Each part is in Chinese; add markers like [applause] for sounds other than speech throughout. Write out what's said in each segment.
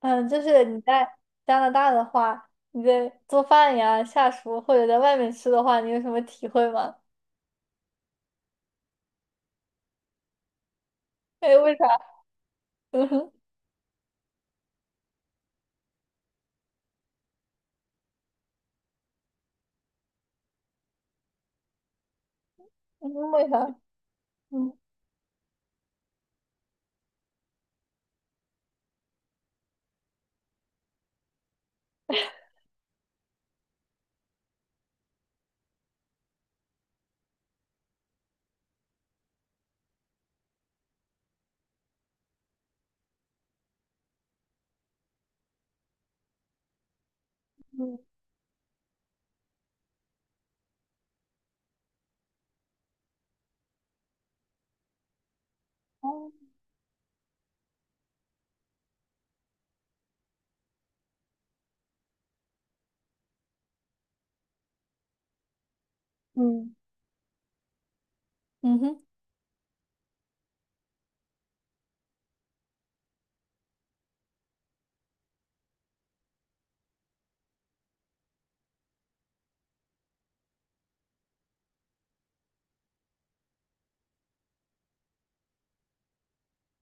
嗯，就是你在加拿大的话，你在做饭呀、下厨或者在外面吃的话，你有什么体会吗？哎，为啥？嗯哼，嗯为啥？嗯嗯哦嗯嗯哼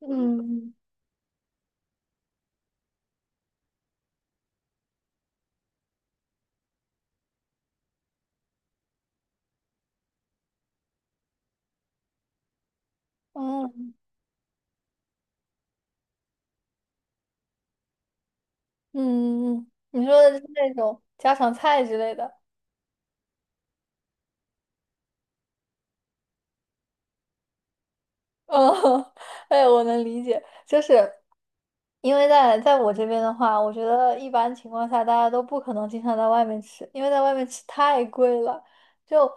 嗯嗯嗯嗯嗯，你说的是那种家常菜之类的。哦，[laughs] 哎，我能理解，就是因为在我这边的话，我觉得一般情况下大家都不可能经常在外面吃，因为在外面吃太贵了。就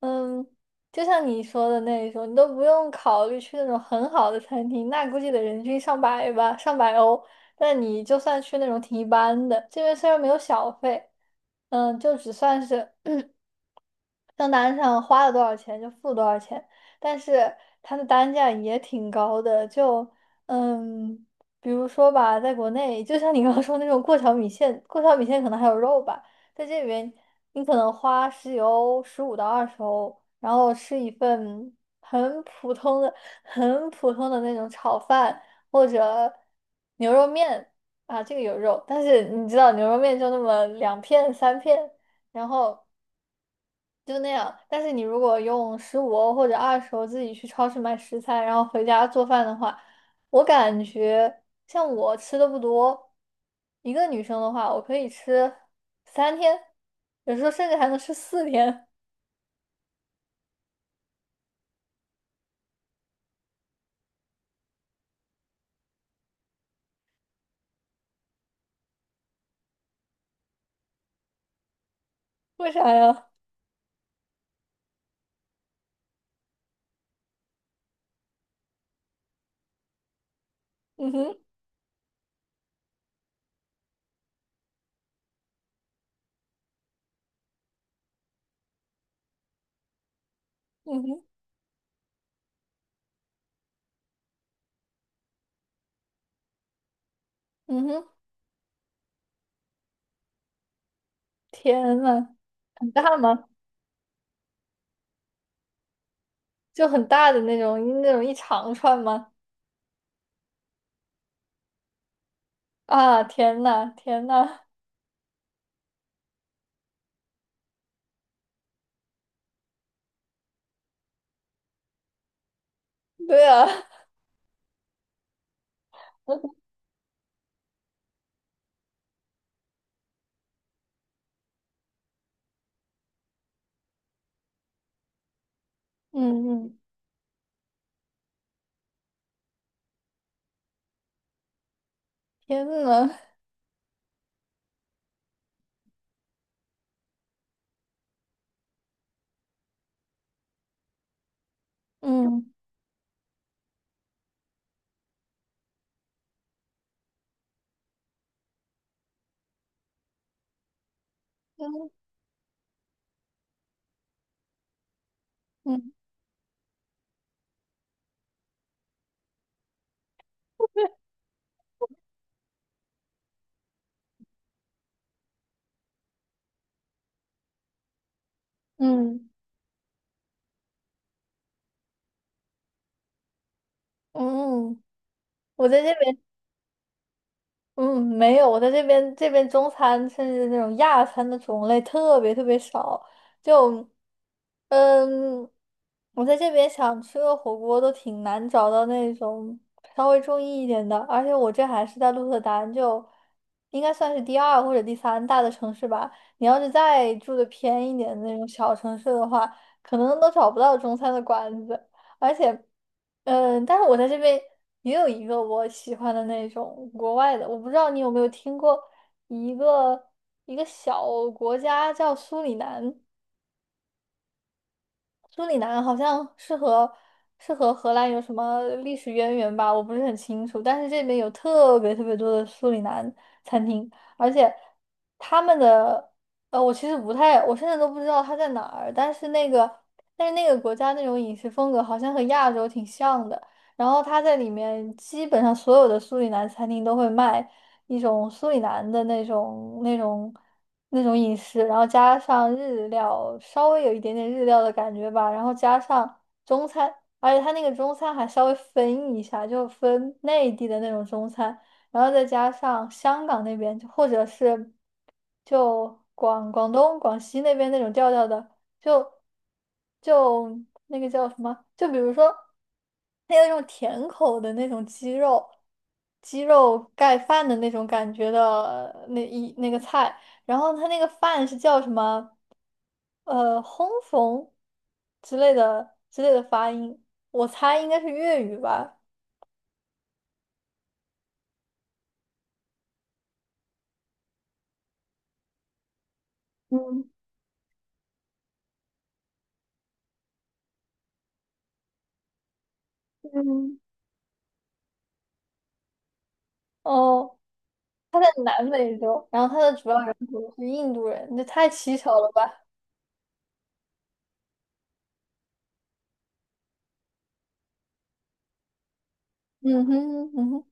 嗯，就像你说的那一种，你都不用考虑去那种很好的餐厅，那估计得人均上百吧，上百欧。但你就算去那种挺一般的，这边虽然没有小费，嗯，就只算是 [clears throat]。账单上花了多少钱就付多少钱，但是它的单价也挺高的，就嗯，比如说吧，在国内，就像你刚刚说那种过桥米线，过桥米线可能还有肉吧，在这里面你可能花十几欧、十五到二十欧，然后吃一份很普通的、很普通的那种炒饭或者牛肉面啊，这个有肉，但是你知道牛肉面就那么两片三片，然后。就那样。但是你如果用十五欧或者二十欧自己去超市买食材，然后回家做饭的话，我感觉像我吃的不多，一个女生的话，我可以吃三天，有时候甚至还能吃四天。为啥呀？嗯哼，嗯哼，嗯哼，天呐，很大吗？就很大的那种，那种一长串吗？啊，天呐，天呐，对啊，[laughs] 嗯嗯，天呐，嗯嗯嗯嗯。嗯，我在这边，嗯，没有，我在这边中餐甚至那种亚餐的种类特别特别少，就，嗯，我在这边想吃个火锅都挺难找到那种稍微中意一点的，而且我这还是在鹿特丹，就应该算是第二或者第三大的城市吧。你要是再住的偏一点的那种小城市的话，可能都找不到中餐的馆子。而且，嗯、但是我在这边也有一个我喜欢的那种国外的，我不知道你有没有听过一个小国家叫苏里南，苏里南好像是和荷兰有什么历史渊源吧，我不是很清楚，但是这边有特别特别多的苏里南餐厅，而且他们的我其实不太，我现在都不知道它在哪儿，但是那个国家那种饮食风格好像和亚洲挺像的。然后他在里面基本上所有的苏里南餐厅都会卖一种苏里南的那种饮食，然后加上日料，稍微有一点点日料的感觉吧，然后加上中餐，而且他那个中餐还稍微分一下，就分内地的那种中餐，然后再加上香港那边，或者是就广东广西那边那种调调的。就就那个叫什么？就比如说，它有那种甜口的那种鸡肉，鸡肉盖饭的那种感觉的那一那个菜，然后它那个饭是叫什么？烘缝之类的发音，我猜应该是粤语吧。嗯嗯，哦，在南美洲，然后它的主要人口是印度人，这太蹊跷了吧？嗯哼，嗯哼。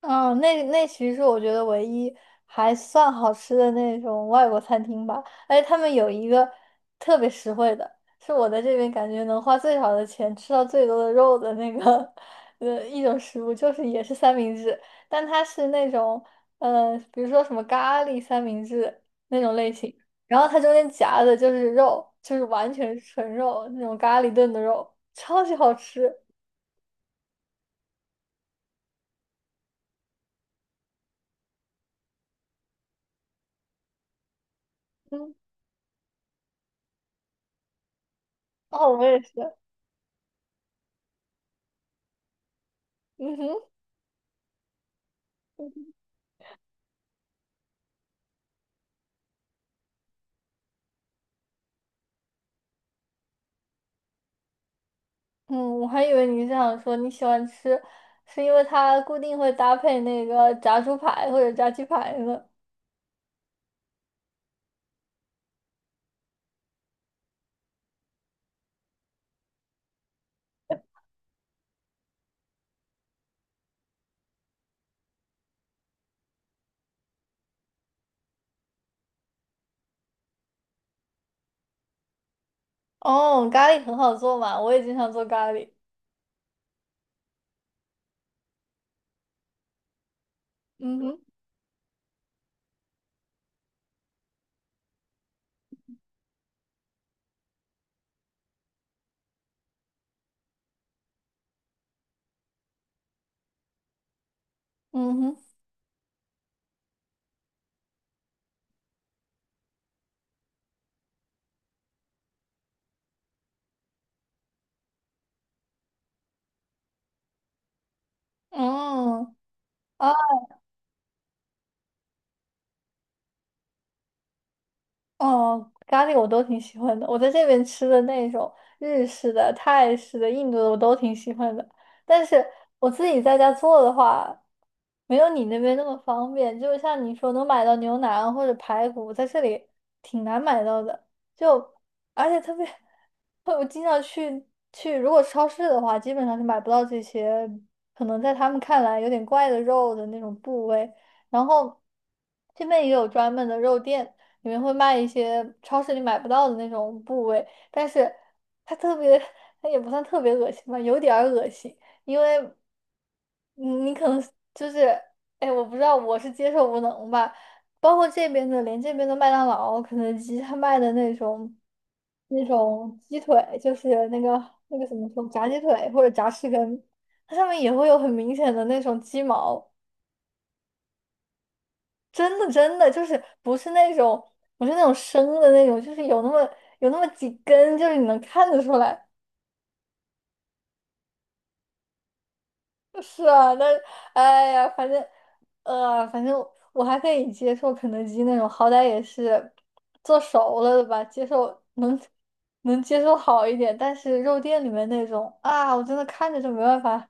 嗯，那那其实是我觉得唯一还算好吃的那种外国餐厅吧，而且他们有一个特别实惠的，是我在这边感觉能花最少的钱吃到最多的肉的那个 [laughs] 一种食物，就是也是三明治，但它是那种比如说什么咖喱三明治那种类型，然后它中间夹的就是肉，就是完全是纯肉那种咖喱炖的肉，超级好吃。嗯，哦，我也是。嗯哼。嗯，我还以为你是想说你喜欢吃，是因为它固定会搭配那个炸猪排或者炸鸡排呢。哦，咖喱很好做嘛，我也经常做咖喱。嗯哼，嗯哼，嗯哦。哦，咖喱我都挺喜欢的。我在这边吃的那种日式的、泰式的、印度的，我都挺喜欢的。但是我自己在家做的话，没有你那边那么方便。就像你说，能买到牛腩或者排骨，在这里挺难买到的。就而且特别，[laughs] 我经常去去，如果超市的话，基本上是买不到这些，可能在他们看来有点怪的肉的那种部位。然后这边也有专门的肉店。里面会卖一些超市里买不到的那种部位，但是它特别，它也不算特别恶心吧，有点儿恶心，因为你可能就是，哎，我不知道我是接受无能吧，包括这边的，连这边的麦当劳、肯德基，他卖的那种那种鸡腿，就是那个什么说炸鸡腿或者炸翅根，它上面也会有很明显的那种鸡毛。真的就是不是那种，不是那种生的那种，就是有那么几根，就是你能看得出来。是啊，那哎呀，反正反正我还可以接受肯德基那种，好歹也是做熟了的吧，接受能接受好一点。但是肉店里面那种啊，我真的看着就没办法。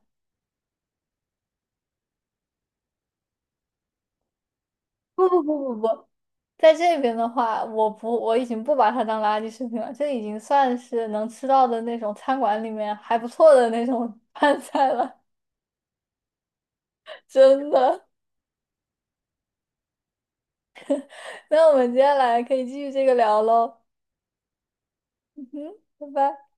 [laughs] 不不不不不。在这边的话，我不，我已经不把它当垃圾食品了，这已经算是能吃到的那种餐馆里面还不错的那种 [laughs] 饭菜了，真的。那我们接下来可以继续这个聊喽，嗯哼，拜拜。